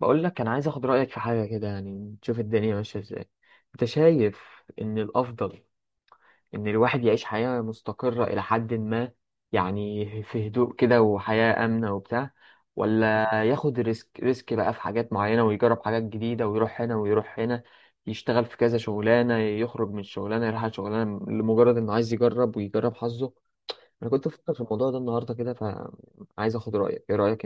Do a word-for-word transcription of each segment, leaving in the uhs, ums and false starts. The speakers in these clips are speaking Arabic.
بقول لك انا عايز اخد رايك في حاجه كده، يعني تشوف الدنيا ماشيه ازاي. انت شايف ان الافضل ان الواحد يعيش حياه مستقره الى حد ما، يعني في هدوء كده وحياه امنه وبتاع، ولا ياخد ريسك ريسك بقى في حاجات معينه ويجرب حاجات جديده ويروح هنا ويروح هنا، يشتغل في كذا شغلانه، يخرج من شغلانه يروح على شغلانه، لمجرد انه عايز يجرب ويجرب حظه. انا كنت بفكر في الموضوع ده النهارده كده، فعايز اخد رايك. ايه رايك؟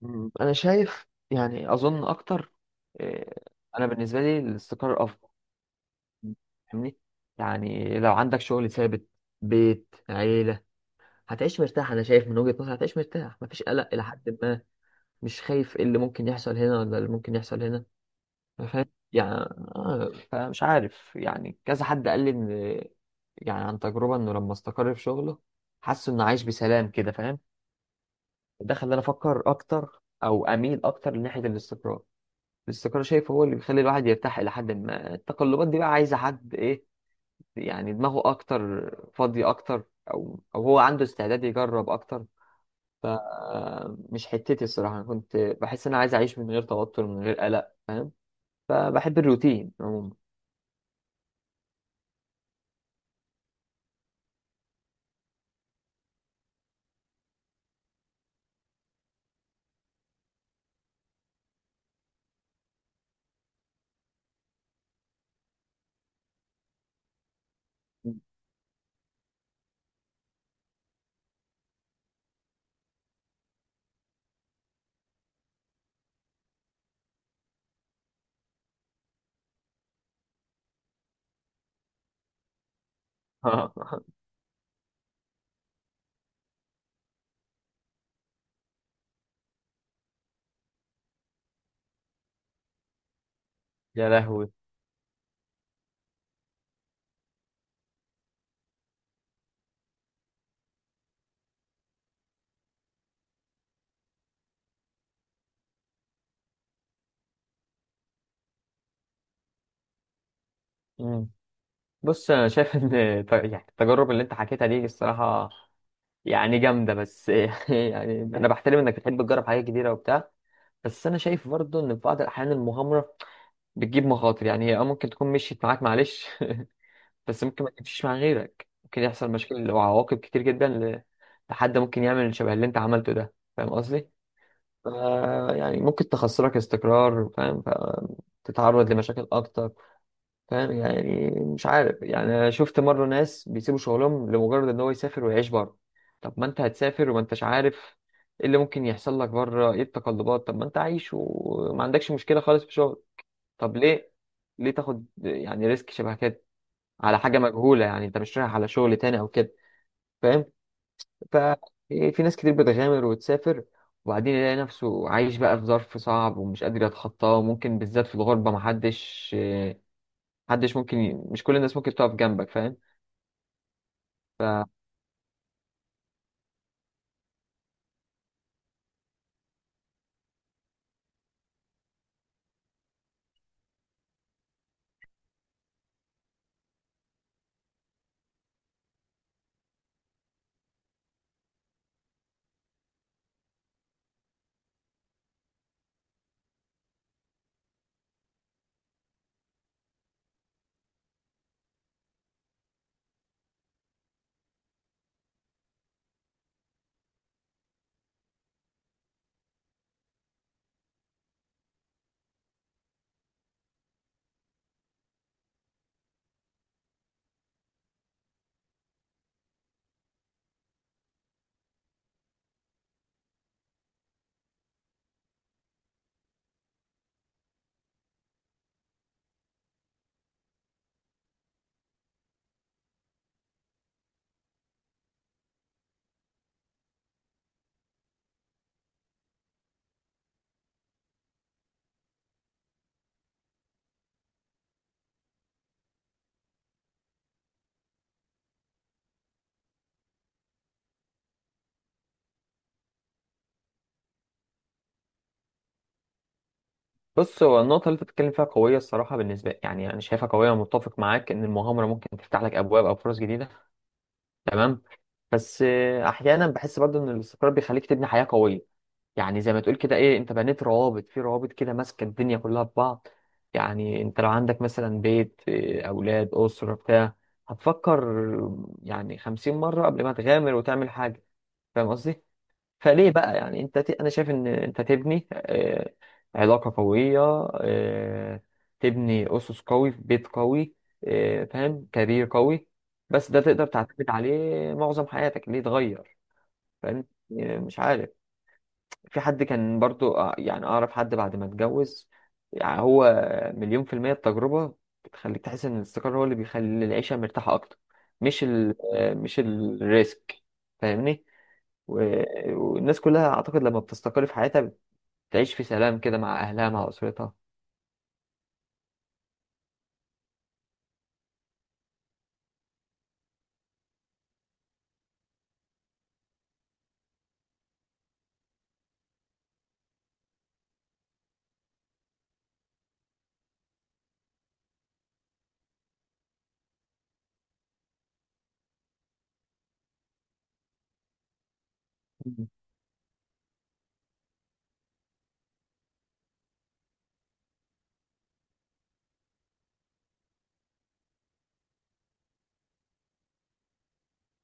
مم. انا شايف، يعني اظن اكتر، آه، انا بالنسبه لي الاستقرار افضل. فاهمني؟ يعني لو عندك شغل ثابت، بيت، عيله، هتعيش مرتاح. انا شايف من وجهه نظري هتعيش مرتاح، مفيش قلق الى حد ما. مش خايف إيه اللي ممكن يحصل هنا ولا اللي ممكن يحصل هنا. فاهم؟ يعني آه، فمش عارف. يعني كذا حد قال لي ان، يعني عن تجربه، انه لما استقر في شغله حس انه عايش بسلام كده، فاهم؟ ده خلاني افكر اكتر او اميل اكتر لناحيه الاستقرار. الاستقرار شايف هو اللي بيخلي الواحد يرتاح إلى حد ما. التقلبات دي بقى عايزة حد إيه؟ يعني دماغه أكتر، فاضي أكتر، أو أو هو عنده استعداد يجرب أكتر. فمش حتتي الصراحة. أنا كنت بحس إن أنا عايز أعيش من غير توتر، من غير قلق، فاهم؟ فبحب الروتين عموما. يا لهوي. مم. بص، أنا شايف إن ت- يعني التجارب اللي أنت حكيتها دي الصراحة، يعني جامدة بس. يعني أنا بحترم إنك بتحب تجرب حاجات جديدة وبتاع. بس أنا شايف برضه إن في بعض الأحيان المغامرة بتجيب مخاطر. يعني هي اه ممكن تكون مشيت معاك، معلش. بس ممكن ما تمشيش مع غيرك. ممكن يحصل مشاكل وعواقب كتير جدا، ل- لحد ممكن يعمل شبه اللي انت عملته ده. فاهم قصدي؟ ف- يعني ممكن تخسرك استقرار، فاهم؟ فتتعرض لمشاكل اكتر. فاهم؟ يعني مش عارف. يعني أنا شفت مرة ناس بيسيبوا شغلهم لمجرد ان هو يسافر ويعيش بره. طب ما انت هتسافر وما انتش عارف ايه اللي ممكن يحصل لك بره، ايه التقلبات. طب ما انت عايش وما عندكش مشكلة خالص في شغل. طب ليه ليه تاخد يعني ريسك شبه كده على حاجة مجهولة؟ يعني انت مش رايح على شغل تاني او كده، فاهم؟ ففي ناس كتير بتغامر وتسافر، وبعدين يلاقي نفسه عايش بقى في ظرف صعب ومش قادر يتخطاه. وممكن بالذات في الغربة، محدش محدش ممكن ي- مش كل الناس ممكن تقف جنبك، فاهم؟ بص، هو النقطة اللي انت بتتكلم فيها قوية الصراحة بالنسبة لي. يعني انا شايفها قوية ومتفق معاك ان المغامرة ممكن تفتح لك ابواب او فرص جديدة. تمام. بس آه، احيانا بحس برضه ان الاستقرار بيخليك تبني حياة قوية. يعني زي ما تقول كده، ايه، انت بنيت روابط في روابط كده، ماسكه الدنيا كلها ببعض. يعني انت لو عندك مثلا بيت، إيه، اولاد، اسره، بتاع، هتفكر يعني خمسين مره قبل ما تغامر وتعمل حاجه، فاهم قصدي؟ فليه بقى؟ يعني انت ت... انا شايف ان انت تبني آه، علاقه قويه، آه، تبني اسس قوي في بيت قوي، آه، فاهم، كارير قوي. بس ده تقدر تعتمد عليه معظم حياتك. ليه تغير؟ فاهم؟ آه، مش عارف. في حد كان برضو، آه، يعني أعرف حد بعد ما اتجوز، يعني هو، مليون في المية التجربة بتخليك تحس إن الاستقرار هو اللي بيخلي العيشة مرتاحة أكتر. مش ال آه، مش الريسك، فاهمني؟ و- والناس كلها أعتقد لما بتستقر في حياتها، بتعيش في سلام كده مع أهلها، مع أسرتها. مم.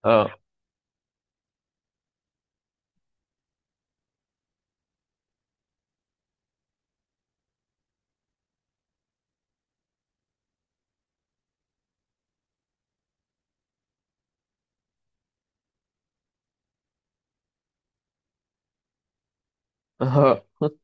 اه، اه.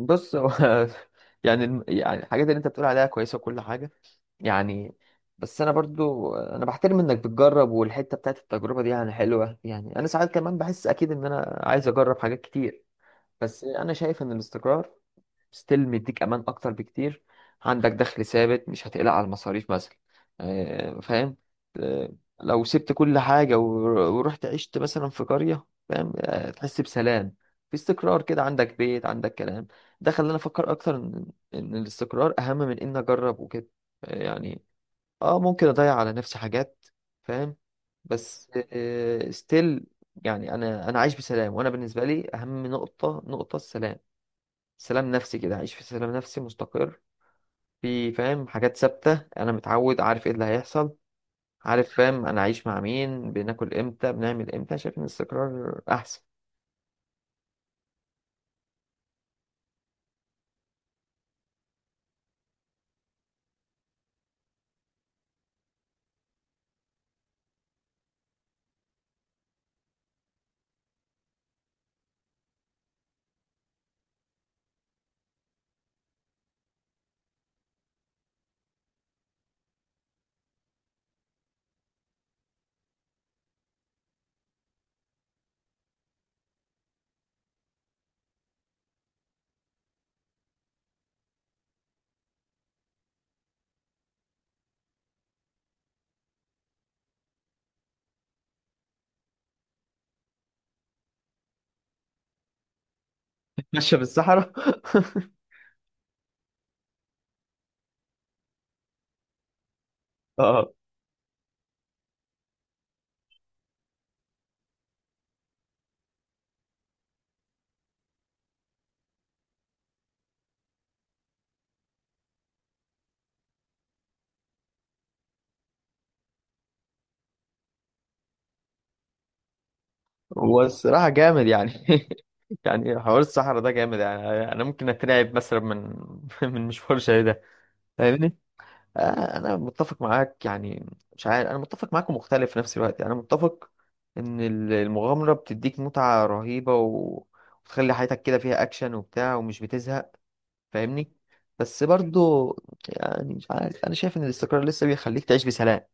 بص، هو. يعني الم- يعني الحاجات اللي انت بتقول عليها كويسه وكل حاجه، يعني. بس انا برضو انا بحترم انك بتجرب، والحته بتاعت التجربه دي يعني حلوه. يعني انا ساعات كمان بحس اكيد ان انا عايز اجرب حاجات كتير. بس انا شايف ان الاستقرار ستيل مديك امان اكتر بكتير. عندك دخل ثابت، مش هتقلق على المصاريف مثلا، آه، فاهم. آه، لو سبت كل حاجه ور- ورحت عشت مثلا في قريه، فاهم؟ آه، تحس بسلام. في استقرار كده، عندك بيت، عندك كلام. ده خلاني افكر اكتر ان إن الاستقرار اهم من ان اجرب وكده، آه، يعني اه ممكن اضيع على نفسي حاجات، فاهم. بس ستيل، يعني انا انا عايش بسلام. وانا بالنسبه لي اهم نقطه نقطه السلام. سلام نفسي كده، عايش في سلام نفسي، مستقر. في، فاهم، حاجات ثابته، انا متعود، عارف ايه اللي هيحصل. عارف، فاهم، انا عايش مع مين، بناكل امتى، بنعمل امتى. شايف ان الاستقرار احسن. ماشيه بالصحراء؟ اه. والصراحه جامد يعني. يعني حوار الصحراء ده جامد. يعني انا ممكن اترعب مثلا من من مشوار زي ده. فاهمني؟ آه، انا متفق معاك. يعني مش عارف، انا متفق معاك ومختلف في نفس الوقت. يعني انا متفق ان ال- المغامره بتديك متعه رهيبه، و... وتخلي حياتك كده فيها اكشن وبتاع ومش بتزهق، فاهمني؟ بس برضو، يعني مش عارف، انا شايف ان الاستقرار لسه بيخليك تعيش بسلام.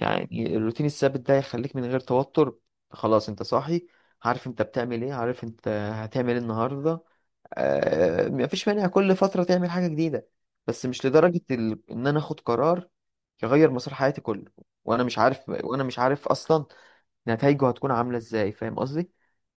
يعني الروتين الثابت ده يخليك من غير توتر. خلاص، انت صاحي، عارف انت بتعمل ايه، عارف انت هتعمل ايه النهارده. آه، مفيش مانع كل فتره تعمل حاجه جديده. بس مش لدرجه ال... ان انا اخد قرار يغير مسار حياتي كله، وانا مش عارف وانا مش عارف اصلا نتائجه هتكون عامله ازاي. فاهم قصدي؟